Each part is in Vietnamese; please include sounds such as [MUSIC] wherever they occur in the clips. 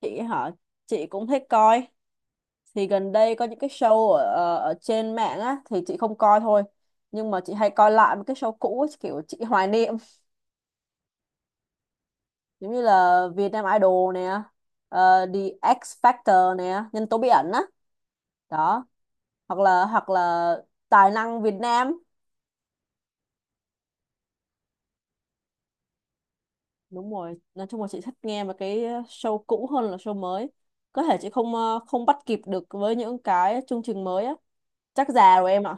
Chị hả? Chị cũng thích coi. Thì gần đây có những cái show ở ở ở trên mạng á thì chị không coi thôi, nhưng mà chị hay coi lại một cái show cũ ấy, kiểu chị hoài niệm. Giống như là Việt Nam Idol nè, The X Factor nè, nhân tố bí ẩn á, đó. Hoặc là tài năng Việt Nam. Đúng rồi, nói chung là chị thích nghe mà cái show cũ hơn là show mới. Có thể chị không bắt kịp được với những cái chương trình mới á. Chắc già rồi em ạ.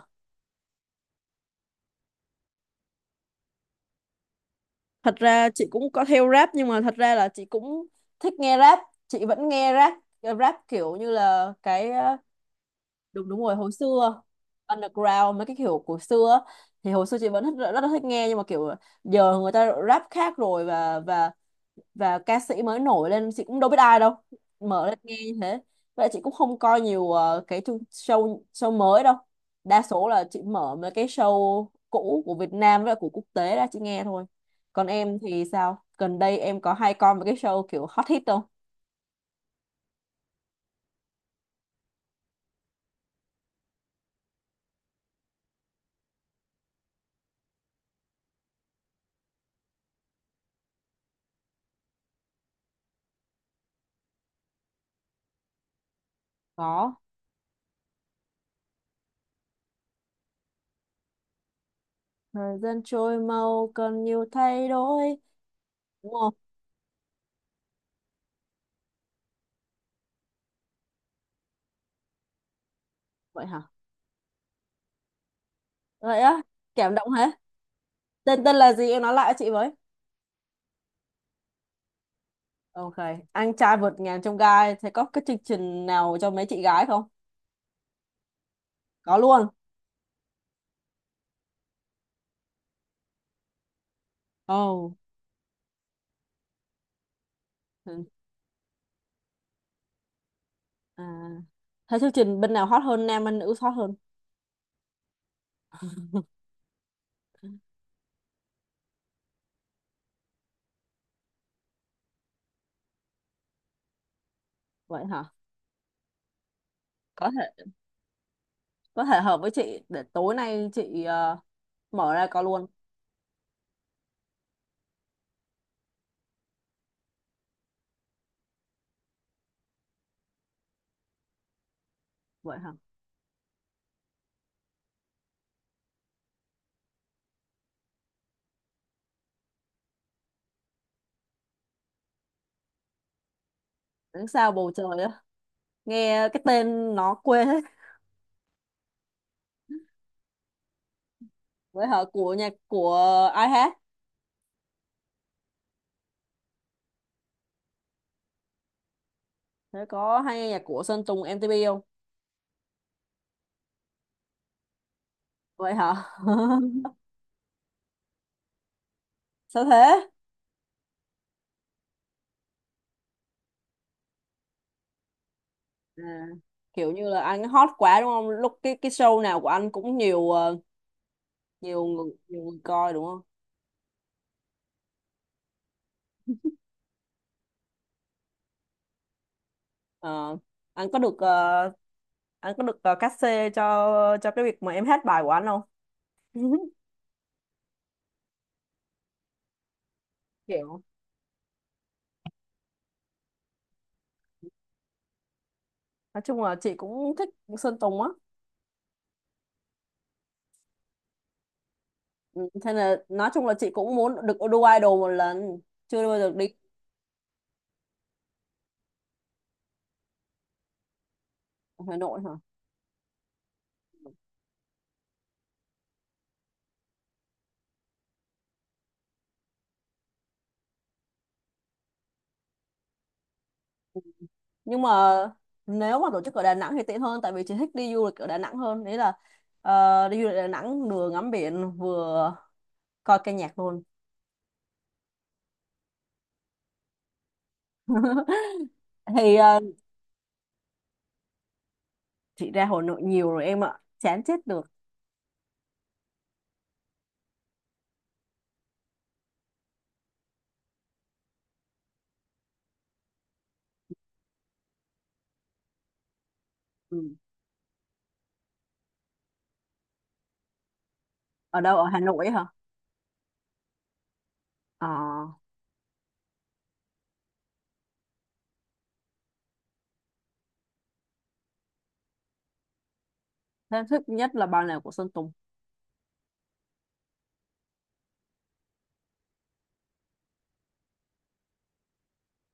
Thật ra chị cũng có theo rap, nhưng mà thật ra là chị cũng thích nghe rap, chị vẫn nghe rap. Rap kiểu như là cái, đúng, đúng rồi hồi xưa. Underground, mấy cái kiểu của xưa á, thì hồi xưa chị vẫn rất, rất là thích nghe nhưng mà kiểu giờ người ta rap khác rồi, và ca sĩ mới nổi lên chị cũng đâu biết ai đâu, mở lên nghe như thế. Vậy chị cũng không coi nhiều ờ, cái chương- show show mới đâu. Đa số là chị mở mấy cái show cũ của Việt Nam với lại của quốc tế ra chị nghe thôi. Còn em thì sao, gần đây em có hay coi mấy cái show kiểu hot hit không? Có. Thời gian trôi mau cần nhiều thay đổi. Đúng. Vậy hả? Vậy á? Cảm động hả? Tên tên là gì em nói lại cho chị với. Ok, anh trai vượt ngàn chông gai. Thế có cái chương trình nào cho mấy chị gái không? Có luôn. Ồ. Ừ. À, thế chương trình bên nào hot hơn, nam hay nữ hot hơn? Vậy hả? Có thể có thể hợp với chị, để tối nay chị mở ra có luôn. Vậy hả? Đứng sao bầu trời á? Nghe cái tên nó quê hết. Vậy hả? Nhạc của ai hát? Thế có hay nghe nhạc của Sơn Tùng MTP không? Vậy hả? [LAUGHS] sao thế? À, kiểu như là anh hot quá đúng không? Lúc cái show nào của anh cũng nhiều người coi đúng không? Ờ, anh có được ờ, anh có được cát xê cho cái việc mà em hát bài của anh không? [LAUGHS] Kiểu nói chung là chị cũng thích Sơn Tùng á. Ừ, thế là nói chung là chị cũng muốn được đu idol một lần, chưa bao giờ đi. Hà Nội hả? Nhưng mà nếu mà tổ chức ở Đà Nẵng thì tiện hơn, tại vì chị thích đi du lịch ở Đà Nẵng hơn. Đấy là đi du lịch Đà Nẵng vừa ngắm biển vừa coi ca nhạc luôn. Thì chị ra Hà Nội nhiều rồi em ạ, chán chết được. Ừ. Ở đâu, ở Hà Nội hả? ờ em thích nhất là bài nào của Sơn Tùng?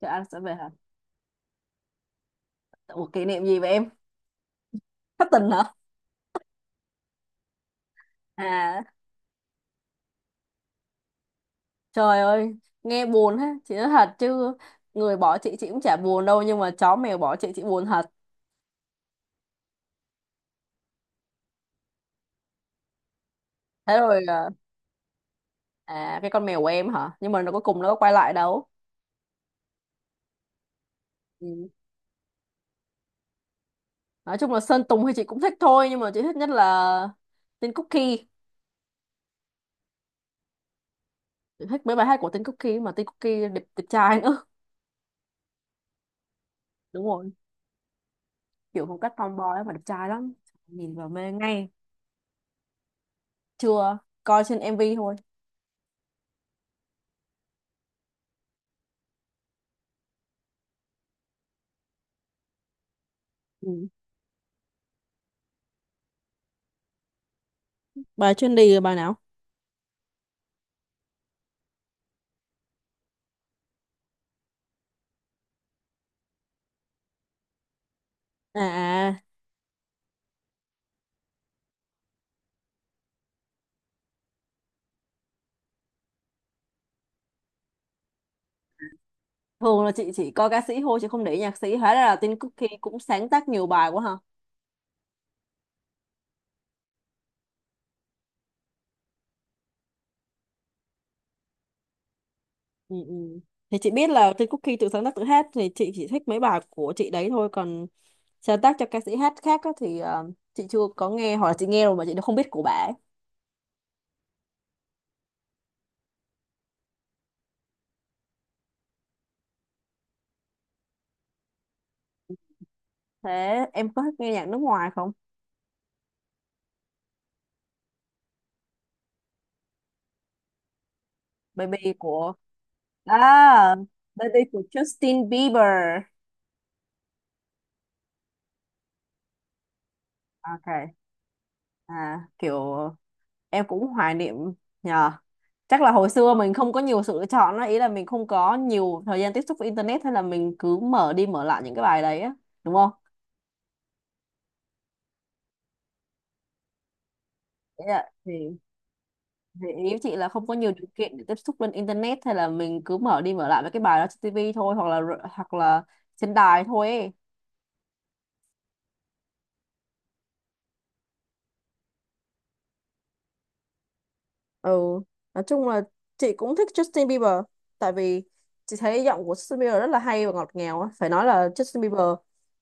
Trời, anh sẽ về hả? Ủa, kỷ niệm gì vậy em? Thất tình hả? À, trời ơi, nghe buồn ha. Chị nói thật chứ, người bỏ chị cũng chả buồn đâu nhưng mà chó mèo bỏ chị buồn thật. Thế rồi à, cái con mèo của em hả, nhưng mà nó cuối cùng nó có quay lại đâu. Ừ. Nói chung là Sơn Tùng thì chị cũng thích thôi nhưng mà chị thích nhất là tên Cookie. Thích mấy bài hát của Tin Cookie mà Tin Cookie đẹp, đẹp trai nữa. Đúng rồi, kiểu phong cách tomboy ấy mà đẹp trai lắm, nhìn vào mê ngay. Chưa, coi trên MV thôi. Ừ. Bài chuyên đi là bài nào? À. À, thường là chị chỉ coi ca sĩ thôi chị không để ý nhạc sĩ, hóa ra là Tin Cookie cũng sáng tác nhiều bài quá hả? Ừ, ừ. Thì chị biết là Tin Cookie tự sáng tác tự hát thì chị chỉ thích mấy bài của chị đấy thôi, còn sáng tác cho ca sĩ hát khác á, thì chị chưa có nghe hoặc là chị nghe rồi mà chị đã không biết của bà ấy. Thế em có thích nghe nhạc nước ngoài không? Baby của à, birthday của Justin Bieber. Ok. À, kiểu em cũng hoài niệm, nhờ. Chắc là hồi xưa mình không có nhiều sự lựa chọn á, ý là mình không có nhiều thời gian tiếp xúc với internet, hay là mình cứ mở đi mở lại những cái bài đấy á, đúng không? Ý là- thì, thì ý chị là không có nhiều điều kiện để tiếp xúc lên internet, hay là mình cứ mở đi mở lại mấy cái bài đó trên TV thôi, hoặc là trên đài thôi ấy. Ừ. Nói chung là chị cũng thích Justin Bieber, tại vì chị thấy giọng của Justin Bieber rất là hay và ngọt ngào á, phải nói là Justin Bieber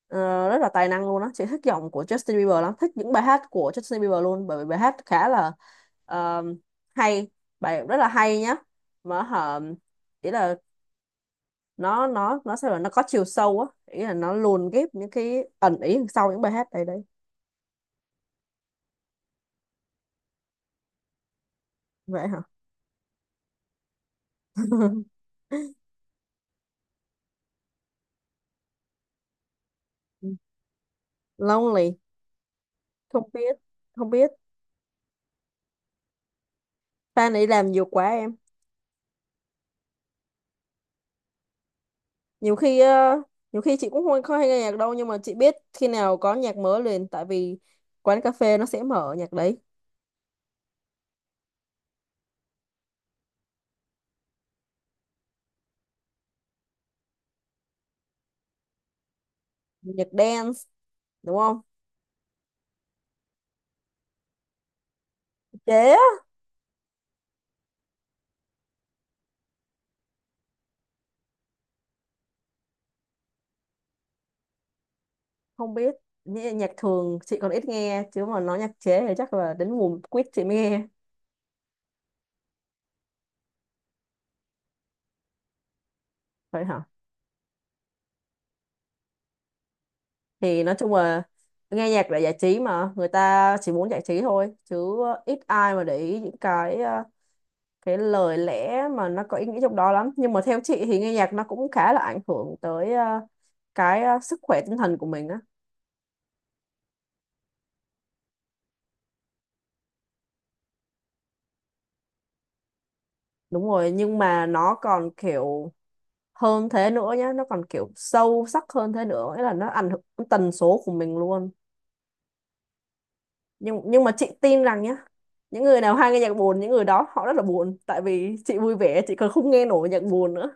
rất là tài năng luôn á. Chị thích giọng của Justin Bieber lắm, thích những bài hát của Justin Bieber luôn, bởi vì bài hát khá là ờ, hay, bài rất là hay nhá. Mà hả, ý là nó sao là nó có chiều sâu á, ý là nó luồn ghép những cái ẩn ý đằng sau những bài hát đấy đấy. Vậy hả? [LAUGHS] lonely, không biết, không biết. Fan ấy làm nhiều quá em. nhiều khi ờ, Nhiều khi chị cũng không không hay nghe nhạc đâu, nhưng mà chị biết khi nào có nhạc mới liền, tại vì quán cà phê nó sẽ mở nhạc đấy. Nhạc dance đúng không? Chế á? Không biết. Nhạc thường chị còn ít nghe, chứ mà nói nhạc chế thì chắc là đến mùa quýt chị mới nghe. Vậy hả? Thì nói chung là nghe nhạc là giải trí, mà người ta chỉ muốn giải trí thôi chứ ít ai mà để ý những cái lời lẽ mà nó có ý nghĩa trong đó lắm. Nhưng mà theo chị thì nghe nhạc nó cũng khá là ảnh hưởng tới sức khỏe tinh thần của mình á. Đúng rồi, nhưng mà nó còn kiểu hơn thế nữa nhá, nó còn kiểu sâu sắc hơn thế nữa, nghĩa là nó ảnh hưởng đến tần số của mình luôn. Nhưng mà chị tin rằng nhá, những người nào hay nghe nhạc buồn những người đó họ rất là buồn, tại vì chị vui vẻ chị còn không nghe nổi nhạc buồn nữa.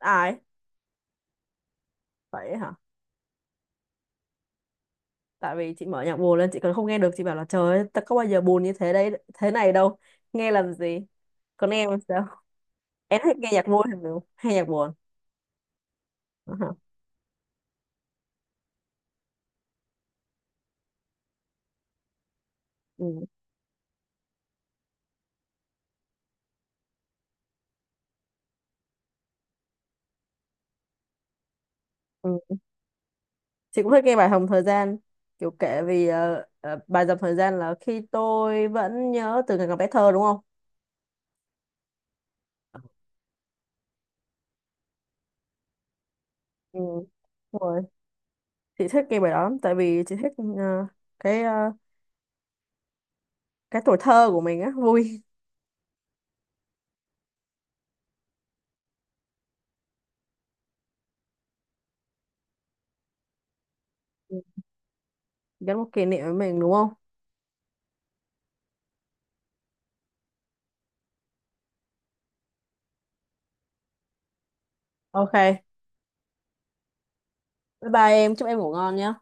Ai? Vậy hả? Tại vì chị mở nhạc buồn lên chị còn không nghe được, chị bảo là trời ơi ta có bao giờ buồn như thế đấy thế này đâu, nghe làm gì. Còn em làm sao, em thích nghe nhạc vui hay nhạc buồn? Ờ hả? Ừ. Ừ. Chị cũng thích nghe bài Hồng Thời Gian, kiểu kể vì bài Dòng Thời Gian là khi tôi vẫn nhớ từ ngày còn bé thơ đúng không. Ừ. Đúng rồi, chị thích nghe bài đó lắm, tại vì chị thích ờ, cái ờ, cái tuổi thơ của mình á, vui. Ừ. Gắn một kỷ niệm với mình đúng không? Ok, bye bye em, chúc em ngủ ngon nhé.